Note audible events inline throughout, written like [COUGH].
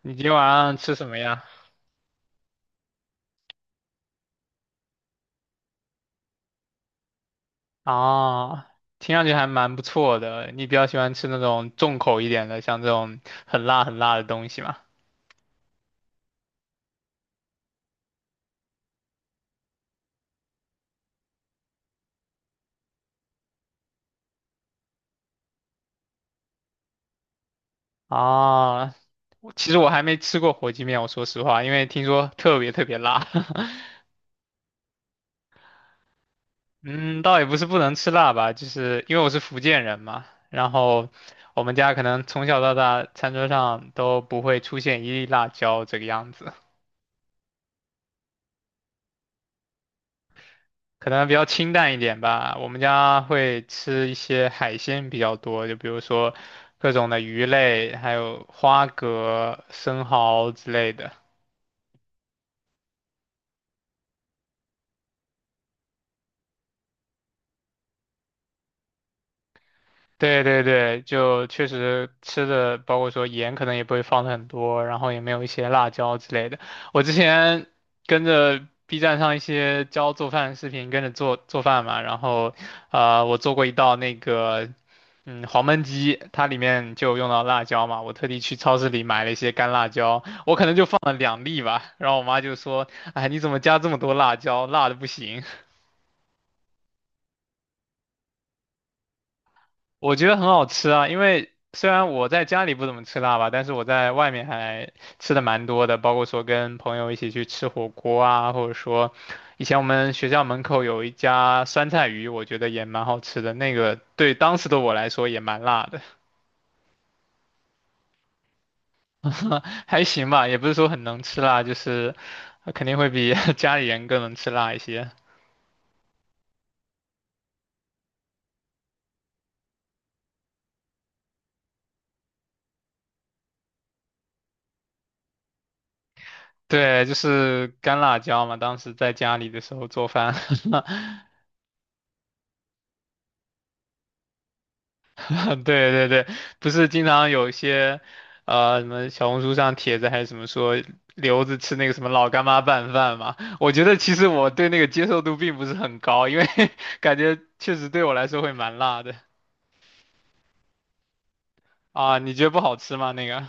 你今天晚上吃什么呀？啊，听上去还蛮不错的。你比较喜欢吃那种重口一点的，像这种很辣很辣的东西吗？啊，我其实还没吃过火鸡面，我说实话，因为听说特别特别辣。[LAUGHS] 嗯，倒也不是不能吃辣吧，就是因为我是福建人嘛，然后我们家可能从小到大餐桌上都不会出现一粒辣椒这个样子。可能比较清淡一点吧。我们家会吃一些海鲜比较多，就比如说各种的鱼类，还有花蛤、生蚝之类的。对对对，就确实吃的，包括说盐可能也不会放的很多，然后也没有一些辣椒之类的。我之前跟着 B 站上一些教做饭的视频，跟着做做饭嘛，然后我做过一道黄焖鸡，它里面就用到辣椒嘛，我特地去超市里买了一些干辣椒，我可能就放了两粒吧，然后我妈就说，哎，你怎么加这么多辣椒，辣的不行。我觉得很好吃啊，因为虽然我在家里不怎么吃辣吧，但是我在外面还吃的蛮多的，包括说跟朋友一起去吃火锅啊，或者说以前我们学校门口有一家酸菜鱼，我觉得也蛮好吃的，那个对当时的我来说也蛮辣的，[LAUGHS] 还行吧，也不是说很能吃辣，就是肯定会比 [LAUGHS] 家里人更能吃辣一些。对，就是干辣椒嘛，当时在家里的时候做饭。[LAUGHS] [LAUGHS] 对对对，不是经常有一些，什么小红书上帖子还是什么说留子吃那个什么老干妈拌饭嘛？我觉得其实我对那个接受度并不是很高，因为 [LAUGHS] 感觉确实对我来说会蛮辣的啊。你觉得不好吃吗？那个？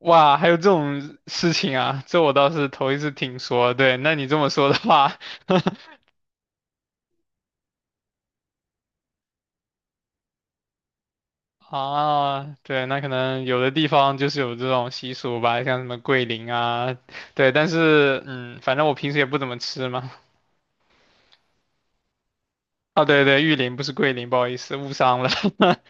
哇，还有这种事情啊，这我倒是头一次听说。对，那你这么说的话，[LAUGHS] 啊，对，那可能有的地方就是有这种习俗吧，像什么桂林啊，对，但是反正我平时也不怎么吃嘛。哦，对对，玉林不是桂林，不好意思，误伤了。[LAUGHS]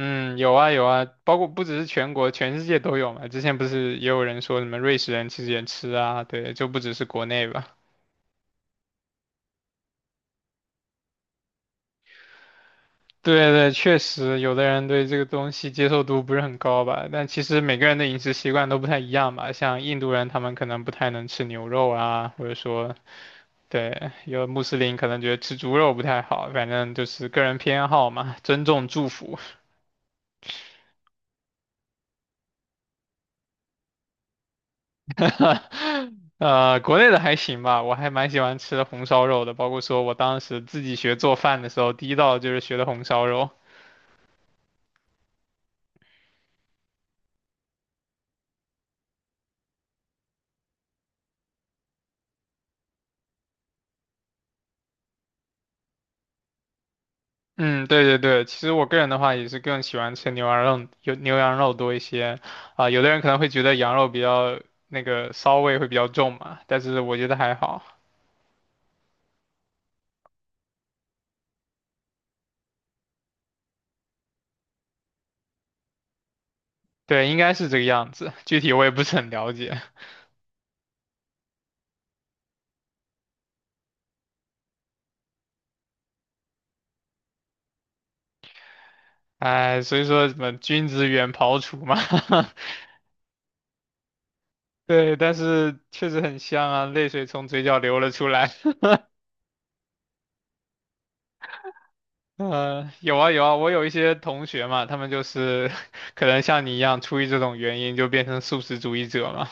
嗯，有啊有啊，包括不只是全国，全世界都有嘛。之前不是也有人说什么瑞士人其实也吃啊，对，就不只是国内吧。对对，确实有的人对这个东西接受度不是很高吧，但其实每个人的饮食习惯都不太一样吧。像印度人，他们可能不太能吃牛肉啊，或者说对，有穆斯林可能觉得吃猪肉不太好，反正就是个人偏好嘛，尊重祝福。[LAUGHS] 国内的还行吧，我还蛮喜欢吃红烧肉的，包括说我当时自己学做饭的时候，第一道就是学的红烧肉。嗯，对对对，其实我个人的话也是更喜欢吃牛羊肉，有牛羊肉多一些。啊、有的人可能会觉得羊肉比较那个骚味会比较重嘛，但是我觉得还好。对，应该是这个样子，具体我也不是很了解。哎，所以说什么君子远庖厨嘛，[LAUGHS] 对，但是确实很香啊，泪水从嘴角流了出来。[LAUGHS] 嗯，有啊有啊，我有一些同学嘛，他们就是 [LAUGHS] 可能像你一样，出于这种原因就变成素食主义者嘛。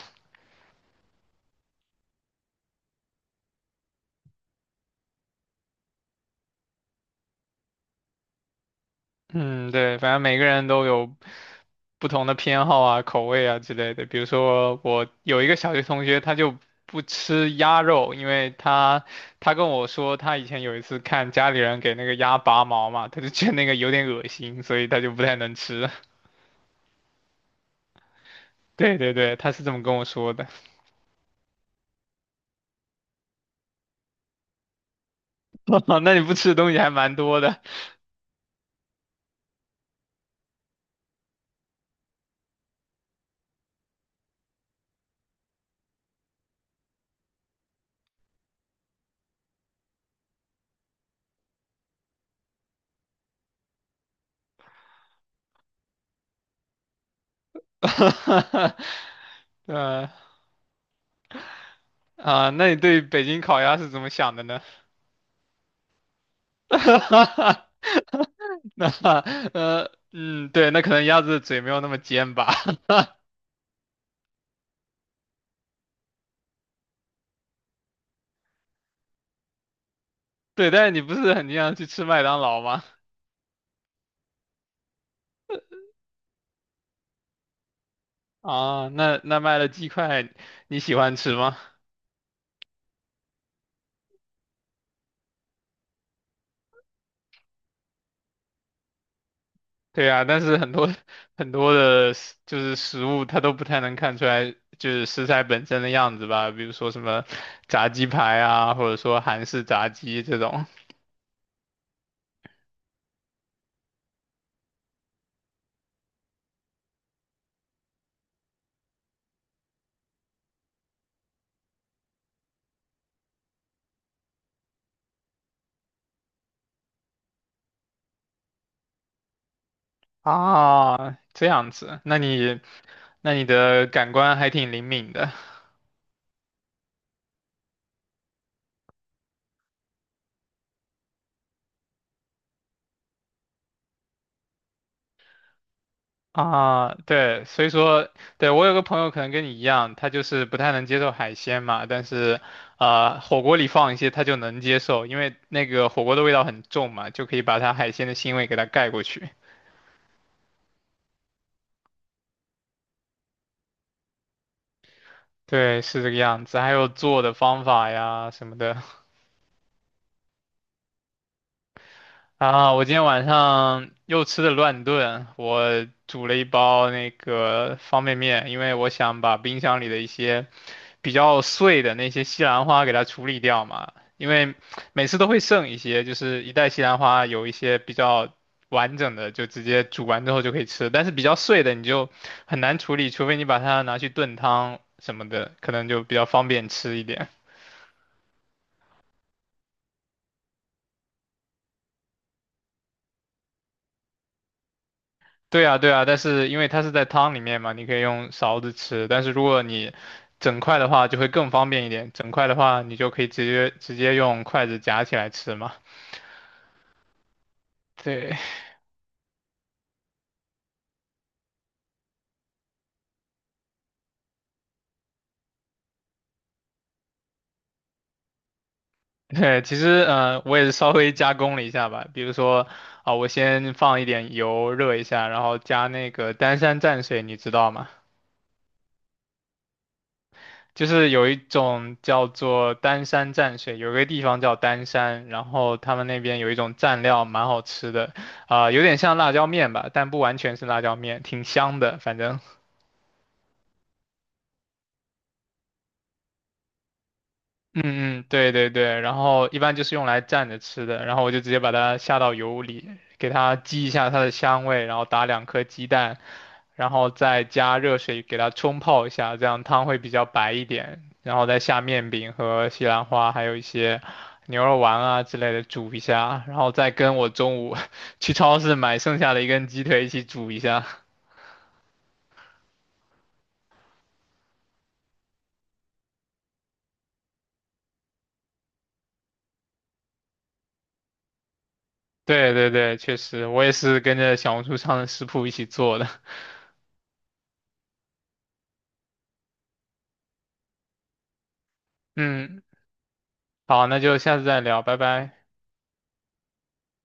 [LAUGHS] 嗯，对，反正每个人都有不同的偏好啊、口味啊之类的。比如说，我有一个小学同学，他就不吃鸭肉，因为他跟我说，他以前有一次看家里人给那个鸭拔毛嘛，他就觉得那个有点恶心，所以他就不太能吃。[LAUGHS] 对对对，他是这么跟我说的。[LAUGHS] 那你不吃的东西还蛮多的。[LAUGHS] 呃啊，那你对北京烤鸭是怎么想的呢？[LAUGHS] 那对，那可能鸭子的嘴没有那么尖吧。[LAUGHS] 对，但是你不是很经常去吃麦当劳吗？啊，那卖的鸡块你喜欢吃吗？对啊，但是很多很多就是食物它都不太能看出来，就是食材本身的样子吧，比如说什么炸鸡排啊，或者说韩式炸鸡这种啊，这样子，那你的感官还挺灵敏的。啊，对，所以说，对，我有个朋友可能跟你一样，他就是不太能接受海鲜嘛，但是，火锅里放一些他就能接受，因为那个火锅的味道很重嘛，就可以把他海鲜的腥味给他盖过去。对，是这个样子。还有做的方法呀什么的啊，我今天晚上又吃的乱炖，我煮了一包那个方便面，因为我想把冰箱里的一些，比较碎的那些西兰花给它处理掉嘛，因为每次都会剩一些，就是一袋西兰花有一些比较完整的，就直接煮完之后就可以吃，但是比较碎的你就很难处理，除非你把它拿去炖汤什么的，可能就比较方便吃一点。对啊，对啊，但是因为它是在汤里面嘛，你可以用勺子吃，但是如果你整块的话就会更方便一点，整块的话你就可以直接用筷子夹起来吃嘛。对，[LAUGHS] 对，其实我也是稍微加工了一下吧，比如说啊、我先放一点油热一下，然后加那个丹山蘸水，你知道吗？就是有一种叫做丹山蘸水，有一个地方叫丹山，然后他们那边有一种蘸料蛮好吃的，啊、有点像辣椒面吧，但不完全是辣椒面，挺香的，反正。嗯嗯，对对对，然后一般就是用来蘸着吃的，然后我就直接把它下到油里，给它激一下它的香味，然后打两颗鸡蛋，然后再加热水给它冲泡一下，这样汤会比较白一点，然后再下面饼和西兰花，还有一些牛肉丸啊之类的煮一下，然后再跟我中午 [LAUGHS] 去超市买剩下的一根鸡腿一起煮一下。[LAUGHS] 对对对，确实，我也是跟着小红书上的食谱一起做的。[LAUGHS] 嗯，好，那就下次再聊，拜拜。